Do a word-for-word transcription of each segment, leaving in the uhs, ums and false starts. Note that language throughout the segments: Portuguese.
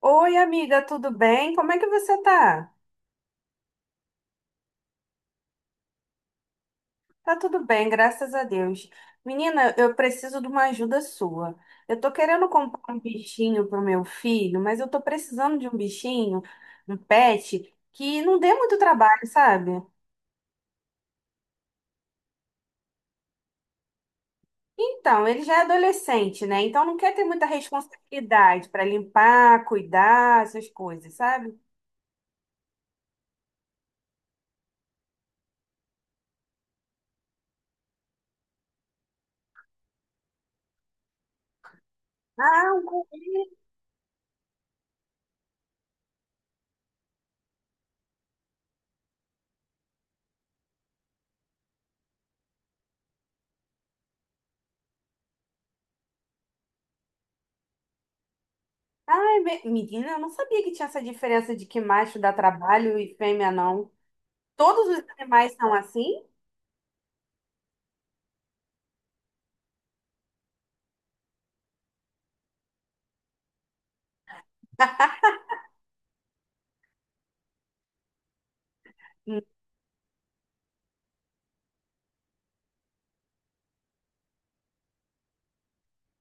Oi, amiga, tudo bem? Como é que você tá? Tá tudo bem, graças a Deus. Menina, eu preciso de uma ajuda sua. Eu tô querendo comprar um bichinho pro meu filho, mas eu tô precisando de um bichinho, um pet, que não dê muito trabalho, sabe? Então, ele já é adolescente, né? Então não quer ter muita responsabilidade para limpar, cuidar, essas coisas, sabe? Ah, um coelho. Ai, me- menina, eu não sabia que tinha essa diferença de que macho dá trabalho e fêmea não. Todos os animais são assim? Hum.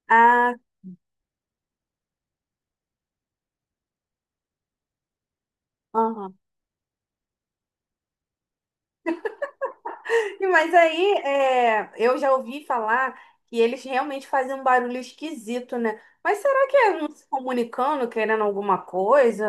Ah, aham. Mas aí, é, eu já ouvi falar que eles realmente fazem um barulho esquisito, né? Mas será que é um se comunicando, querendo alguma coisa?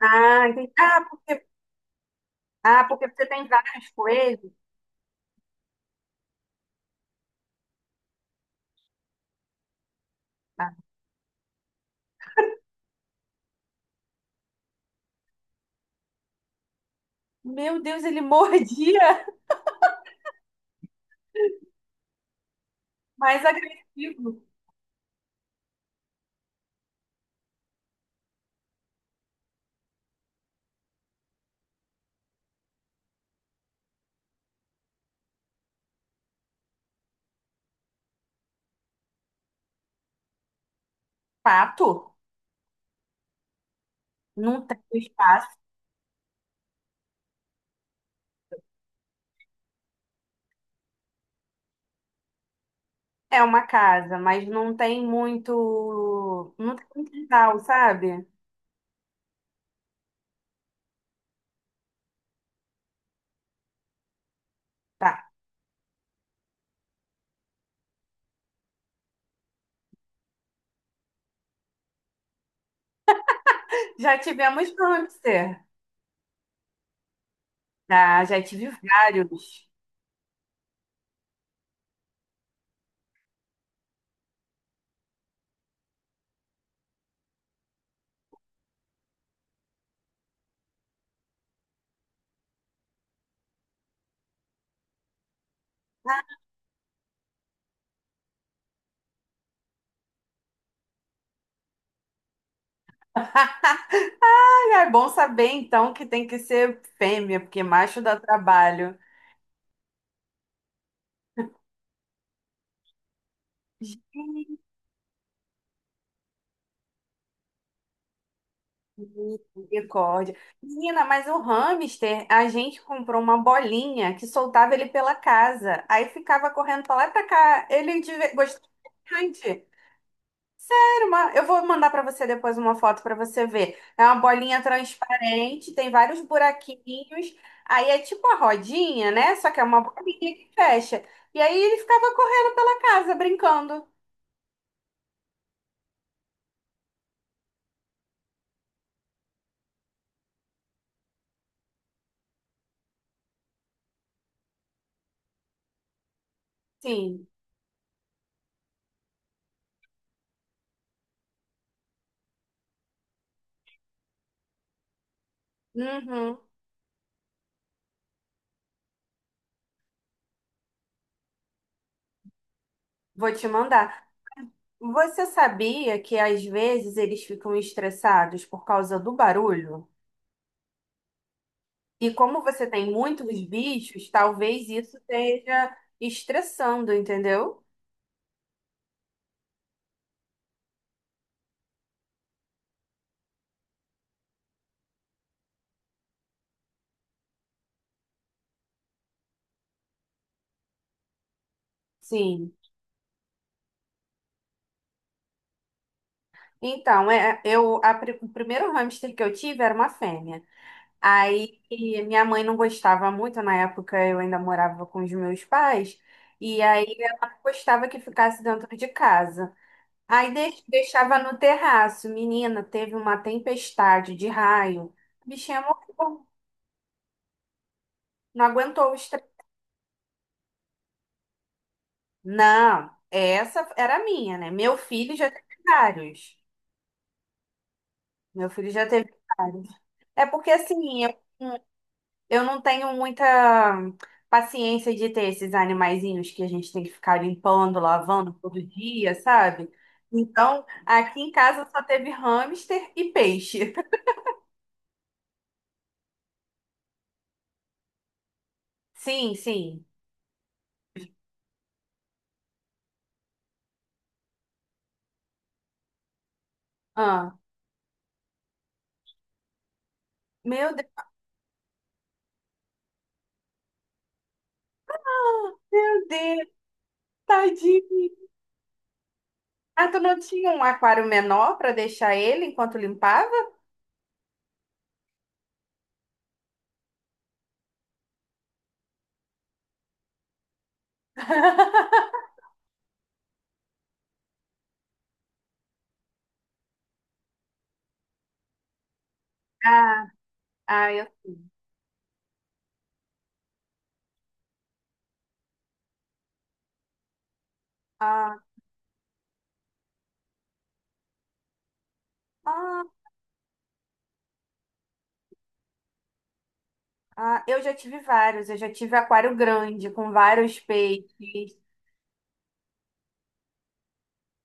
Ah, entendi. Ah, porque, ah, porque você tem várias coisas. Ah, meu Deus, ele mordia! Mais agressivo. Pato? Não tem espaço. É uma casa, mas não tem muito. Não tem muito quintal, sabe? Tá. Já tivemos hamster. Ah, já tive vários. Ah, é bom saber então que tem que ser fêmea, porque macho dá trabalho. Misericórdia. Menina, mas o hamster, a gente comprou uma bolinha que soltava ele pela casa. Aí ficava correndo pra lá e pra cá. Ele de- gostava bastante. uma- Eu vou mandar para você depois uma foto para você ver. É uma bolinha transparente, tem vários buraquinhos. Aí é tipo uma rodinha, né? Só que é uma bolinha que fecha. E aí ele ficava correndo pela casa, brincando. Sim. Uhum. Vou te mandar. Você sabia que às vezes eles ficam estressados por causa do barulho? E como você tem muitos bichos, talvez isso esteja estressando, entendeu? Sim. Então, é, eu, a pri- o primeiro hamster que eu tive era uma fêmea. Aí e minha mãe não gostava muito, na época eu ainda morava com os meus pais, e aí ela não gostava que ficasse dentro de casa. Aí deix- deixava no terraço. Menina, teve uma tempestade de raio. A bichinha morreu, não aguentou o estresse. Não, essa era a minha, né? Meu filho já teve vários. Meu filho já teve vários. É porque assim, eu Eu não tenho muita paciência de ter esses animaizinhos que a gente tem que ficar limpando, lavando todo dia, sabe? Então, aqui em casa só teve hamster e peixe. Sim, sim. Ah, meu Deus, meu Deus, tadinho. Ah, tu não tinha um aquário menor para deixar ele enquanto limpava? Ah, ah, eu sim. Ah, ah, ah, eu já tive vários. Eu já tive aquário grande com vários peixes.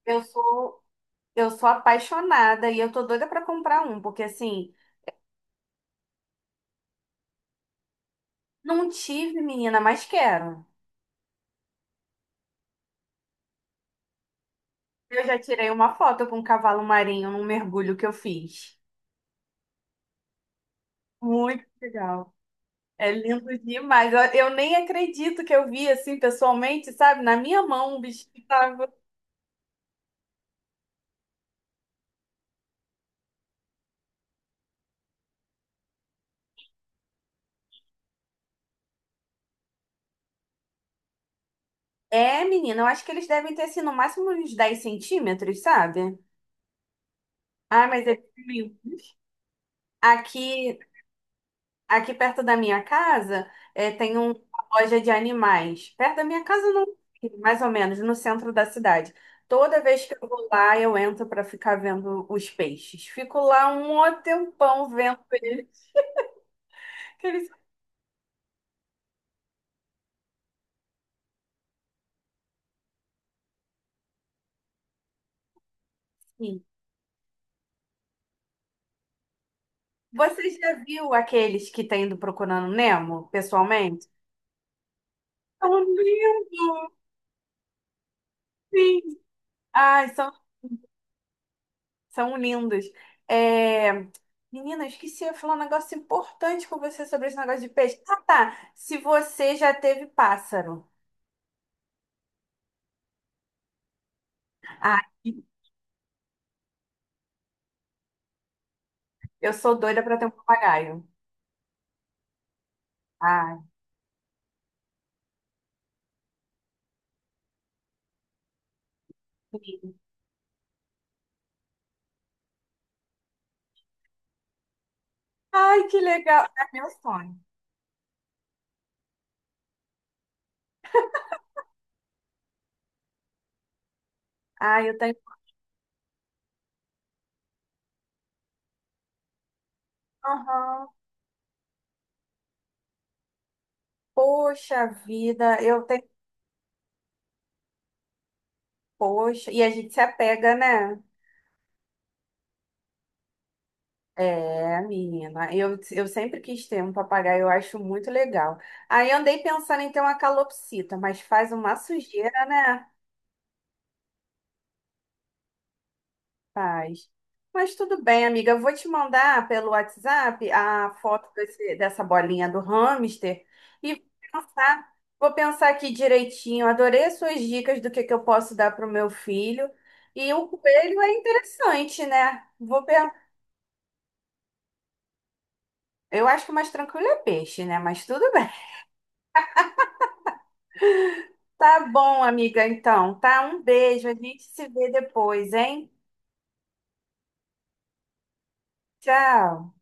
Eu sou Eu sou apaixonada e eu tô doida pra comprar um, porque assim, não tive, menina, mas quero. Eu já tirei uma foto com um cavalo marinho num mergulho que eu fiz. Muito legal. É lindo demais. Eu, eu nem acredito que eu vi assim pessoalmente, sabe? Na minha mão o bichinho tava. É, menina, eu acho que eles devem ter assim no máximo uns dez centímetros, sabe? Ah, mas é pequenininho. Aqui Aqui perto da minha casa, eh, tem um- uma loja de animais. Perto da minha casa, não, mais ou menos, no centro da cidade. Toda vez que eu vou lá, eu entro para ficar vendo os peixes. Fico lá um mó tempão vendo eles. Aqueles assim. Você já viu aqueles que tem do Procurando Nemo, pessoalmente? São lindos, sim. Ai, são São lindas. É... Menina, eu esqueci de falar um negócio importante com você sobre esse negócio de peixe. Ah, tá. Se você já teve pássaro. Ah, eu sou doida para ter um papagaio. Ai, que Ai, que legal. É meu sonho. Ai, eu tenho. Aham. Poxa vida, eu tenho. Poxa. E a gente se apega, né? É, menina. Eu, eu sempre quis ter um papagaio, eu acho muito legal. Aí eu andei pensando em ter uma calopsita, mas faz uma sujeira, né? Faz. Mas tudo bem, amiga. Eu vou te mandar pelo WhatsApp a foto desse- dessa bolinha do hamster e vou pensar, vou pensar aqui direitinho. Adorei as suas dicas do que, que eu posso dar para o meu filho. E o coelho é interessante, né? Vou pensar. Eu acho que o mais tranquilo é peixe, né? Mas tudo bem. Tá bom, amiga, então. Tá? Um beijo. A gente se vê depois, hein? Tchau.